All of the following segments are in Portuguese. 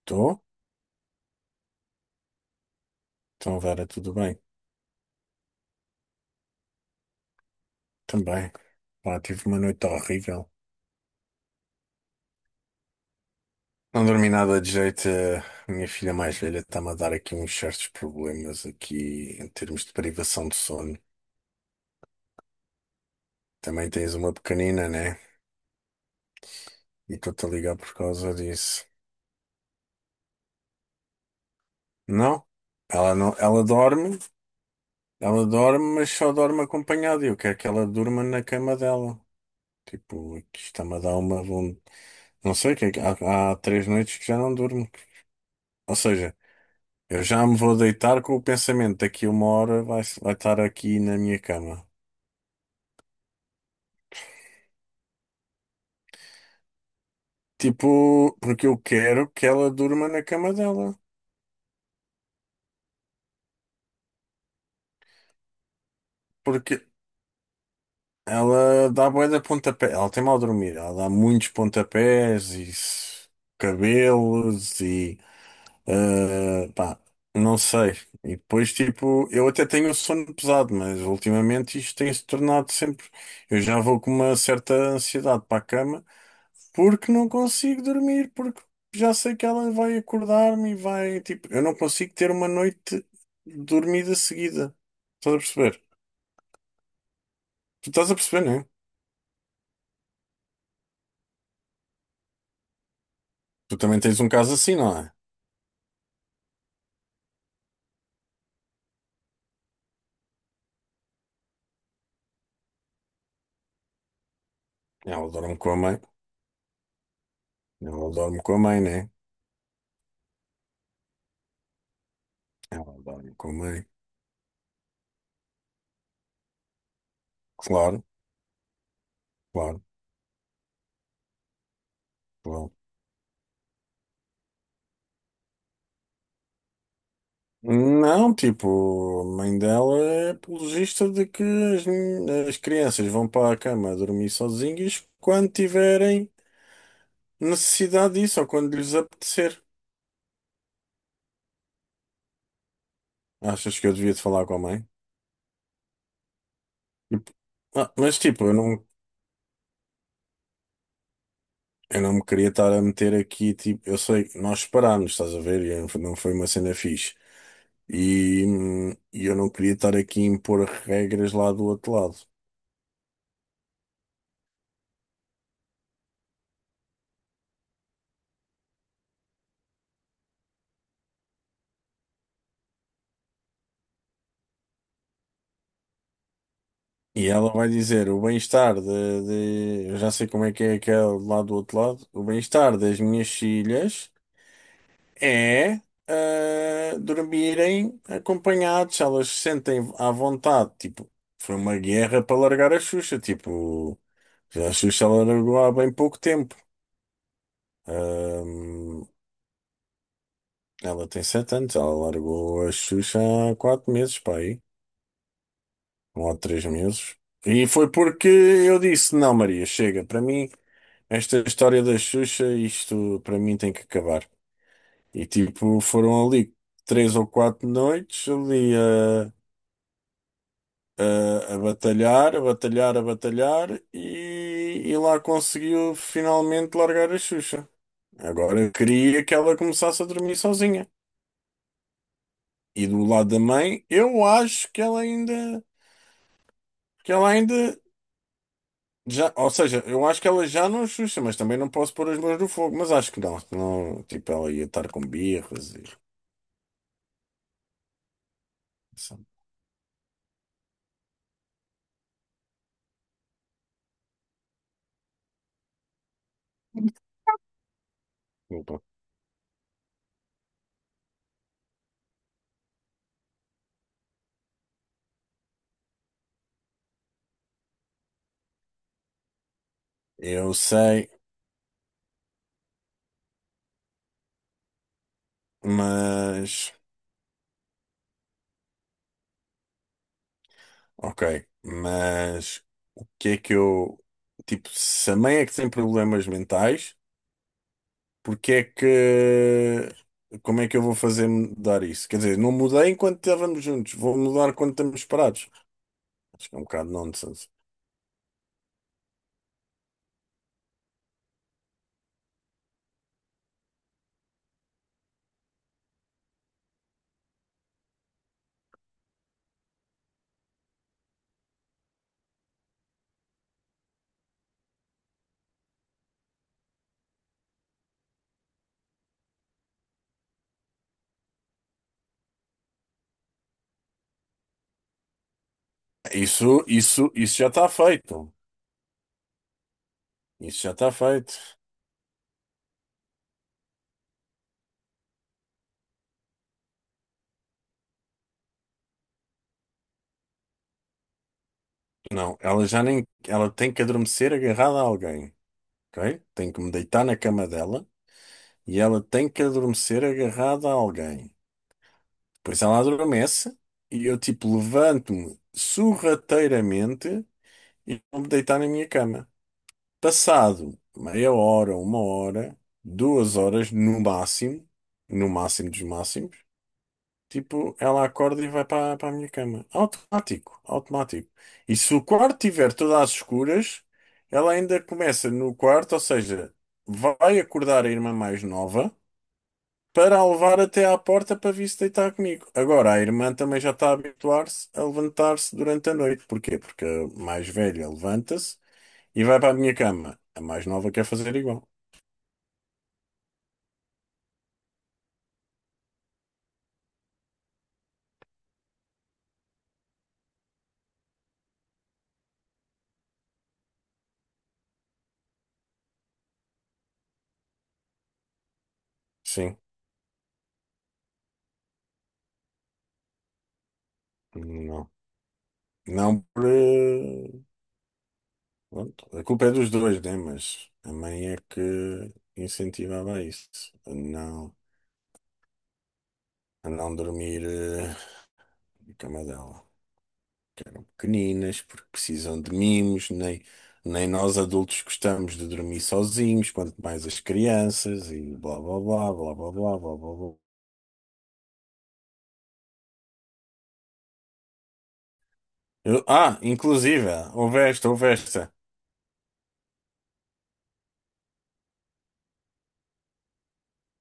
Estou? Então, Vera, tudo bem? Também. Pá, tive uma noite horrível. Não dormi nada de jeito. A minha filha mais velha está-me a dar aqui uns certos problemas aqui em termos de privação de sono. Também tens uma pequenina, né? E estou-te a ligar por causa disso. Não, ela não, ela dorme, mas só dorme acompanhada. Eu quero que ela durma na cama dela. Tipo, isto está-me a dar uma. Não sei, o que é que- há três noites que já não durmo. Ou seja. Eu já me vou deitar com o pensamento, daqui uma hora vai estar aqui na minha cama. Tipo, porque eu quero que ela durma na cama dela. Porque ela dá bué de pontapé. Ela tem mal dormir. Ela dá muitos pontapés e cabelos e pá, não sei. E depois, tipo, eu até tenho sono pesado, mas ultimamente isto tem se tornado sempre. Eu já vou com uma certa ansiedade para a cama. Porque não consigo dormir, porque já sei que ela vai acordar-me e vai. Tipo, eu não consigo ter uma noite dormida seguida. Estás a perceber? Tu estás a perceber, não é? Tu também tens um caso assim, não é? Ela dorme com a mãe. Ela dorme com a mãe, não é? Ela dorme com a mãe. Claro, claro, claro. Não, tipo, a mãe dela é apologista de que as, as crianças vão para a cama dormir sozinhas quando tiverem necessidade disso ou quando lhes apetecer. Achas que eu devia te falar com a mãe? Tipo, mas tipo, eu não me queria estar a meter aqui, tipo, eu sei, nós separámos, estás a ver? E não foi uma cena fixe. E eu não queria estar aqui a impor regras lá do outro lado. E ela vai dizer, o bem-estar Eu já sei como é que é aquele lá do outro lado. O bem-estar das minhas filhas é dormirem acompanhados, elas se sentem à vontade. Tipo, foi uma guerra para largar a Xuxa. Tipo, a Xuxa ela largou há bem pouco tempo. Ahm, ela tem 7 anos, ela largou a Xuxa há 4 meses, para aí, um ou há 3 meses. E foi porque eu disse: Não, Maria, chega, para mim, esta história da Xuxa, isto para mim tem que acabar. E tipo, foram ali 3 ou 4 noites ali. a batalhar, a batalhar, a batalhar e lá conseguiu finalmente largar a Xuxa. Agora eu queria que ela começasse a dormir sozinha. E do lado da mãe, eu acho que ela ainda já, ou seja, eu acho que ela já não é Xuxa, mas também não posso pôr as mãos no fogo, mas acho que não, não, tipo, ela ia estar com birras e sabe? Opa. Eu sei, mas ok, mas que é que eu, tipo, se a mãe é que tem problemas mentais, porque é que, como é que eu vou fazer mudar isso? Quer dizer, não mudei enquanto estávamos juntos, vou mudar quando estamos separados. Acho que é um bocado nonsense. Isso já está feito. Isso já está feito. Não, ela já nem, ela tem que adormecer agarrada a alguém, ok? Tem que me deitar na cama dela e ela tem que adormecer agarrada a alguém. Pois ela adormece e eu tipo levanto-me sorrateiramente e vou-me deitar na minha cama. Passado meia hora, uma hora, 2 horas no máximo, no máximo dos máximos, tipo, ela acorda e vai para a minha cama. Automático, automático. E se o quarto estiver todo às escuras, ela ainda começa no quarto, ou seja, vai acordar a irmã mais nova para a levar até à porta para vir se deitar comigo. Agora, a irmã também já está a habituar-se a levantar-se durante a noite. Porquê? Porque a mais velha levanta-se e vai para a minha cama. A mais nova quer fazer igual. Sim, não. Não por. eh, pronto, a culpa é dos dois, né? Mas a mãe é que incentivava isso, a não, a não dormir na cama dela. Eram pequeninas, porque precisam de mimos, nem, nem nós adultos gostamos de dormir sozinhos, quanto mais as crianças, e blá blá blá blá blá blá blá blá. Blá. Inclusive, houve esta.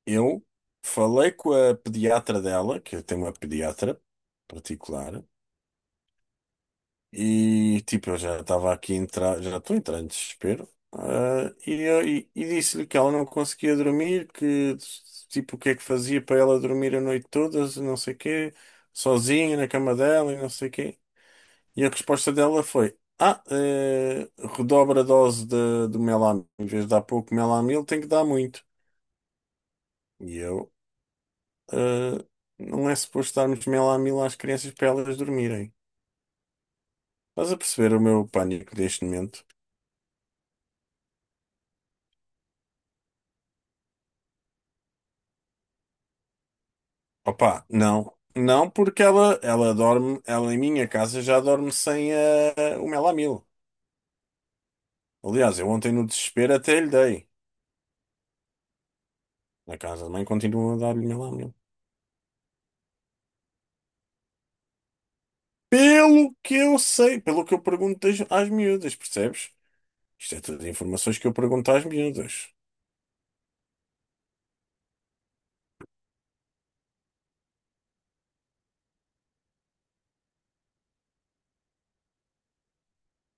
Eu falei com a pediatra dela, que eu tenho uma pediatra particular. E tipo, eu já estava aqui a entrar, já estou a entrar em desespero. Ah, e disse-lhe que ela não conseguia dormir, que tipo, o que é que fazia para ela dormir a noite toda, não sei quê, sozinha na cama dela e não sei quê. E a resposta dela foi: Ah, redobra a dose de, do Melamil. Em vez de dar pouco Melamil, tem que dar muito. E eu, ah, não é suposto darmos Melamil às crianças para elas dormirem. Estás a perceber o meu pânico neste momento? Opa, não. Não, porque ela dorme, ela em minha casa já dorme sem o melamil. Aliás, eu ontem no desespero até lhe dei. Na casa da mãe continua a dar-lhe melamil. Pelo que eu sei, pelo que eu pergunto às miúdas, percebes? Isto é tudo informações que eu pergunto às miúdas.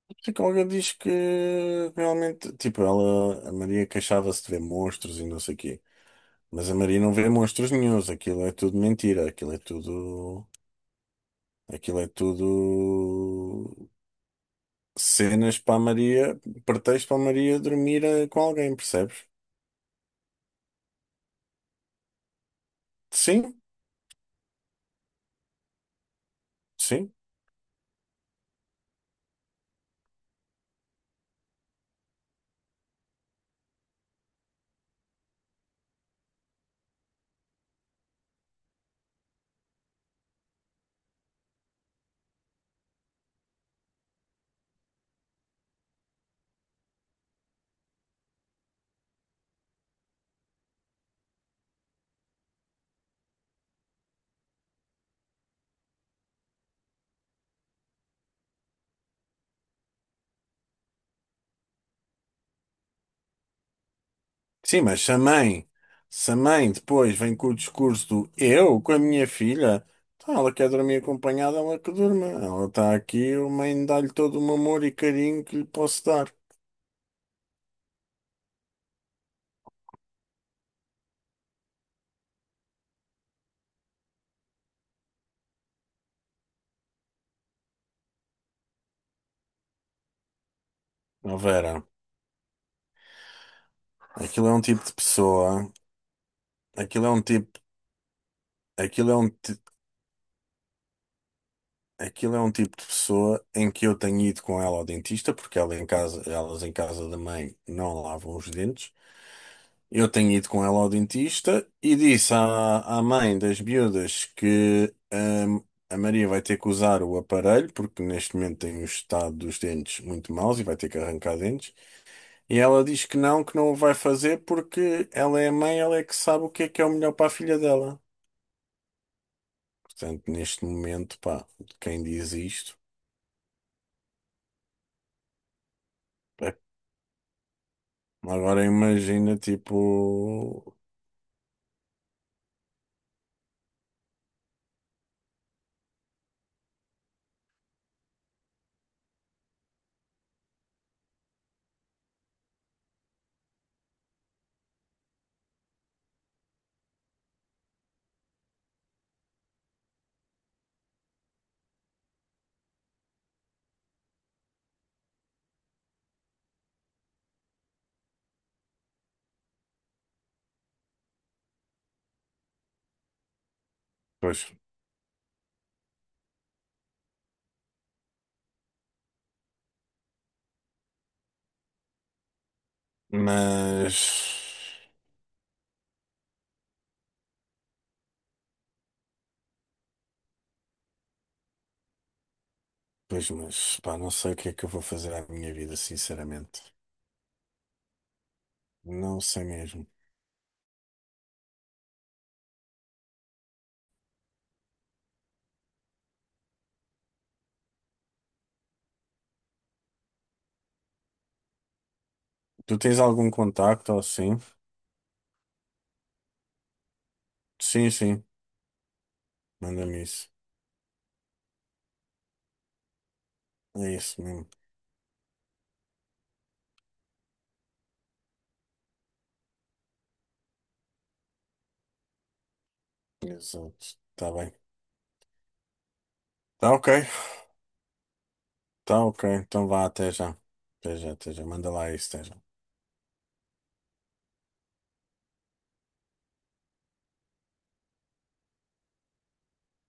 A psicóloga diz que realmente, tipo, ela, a Maria queixava-se de ver monstros e não sei o quê. Mas a Maria não vê monstros nenhuns, aquilo é tudo mentira, aquilo é tudo. Aquilo é tudo cenas para a Maria, pretexto para a Maria dormir com alguém, percebes? Sim, sim. Sim, mas se a mãe, se a mãe depois vem com o discurso do eu com a minha filha, então ela quer dormir acompanhada, ela que durma. Ela está aqui, a mãe dá-lhe todo o amor e carinho que lhe posso dar. Ó Vera, aquilo é um tipo de pessoa, aquilo é um tipo, aquilo é um, ti- aquilo é um tipo de pessoa em que eu tenho ido com ela ao dentista, porque ela em casa, elas em casa da mãe não lavam os dentes. Eu tenho ido com ela ao dentista e disse à, à mãe das miúdas que a Maria vai ter que usar o aparelho, porque neste momento tem o estado dos dentes muito maus e vai ter que arrancar dentes. E ela diz que não o vai fazer porque ela é a mãe, ela é que sabe o que é o melhor para a filha dela. Portanto, neste momento, pá, quem diz isto. Agora imagina, tipo. Pois, mas. Pois, mas, pá, não sei o que é que eu vou fazer à minha vida, sinceramente. Não sei mesmo. Tu tens algum contacto ou assim? Sim, sim, manda-me isso. É isso mesmo. Exato. Tá bem. Tá ok. Tá ok. Então vá, até já. Até já, até já. Manda lá isso, até já.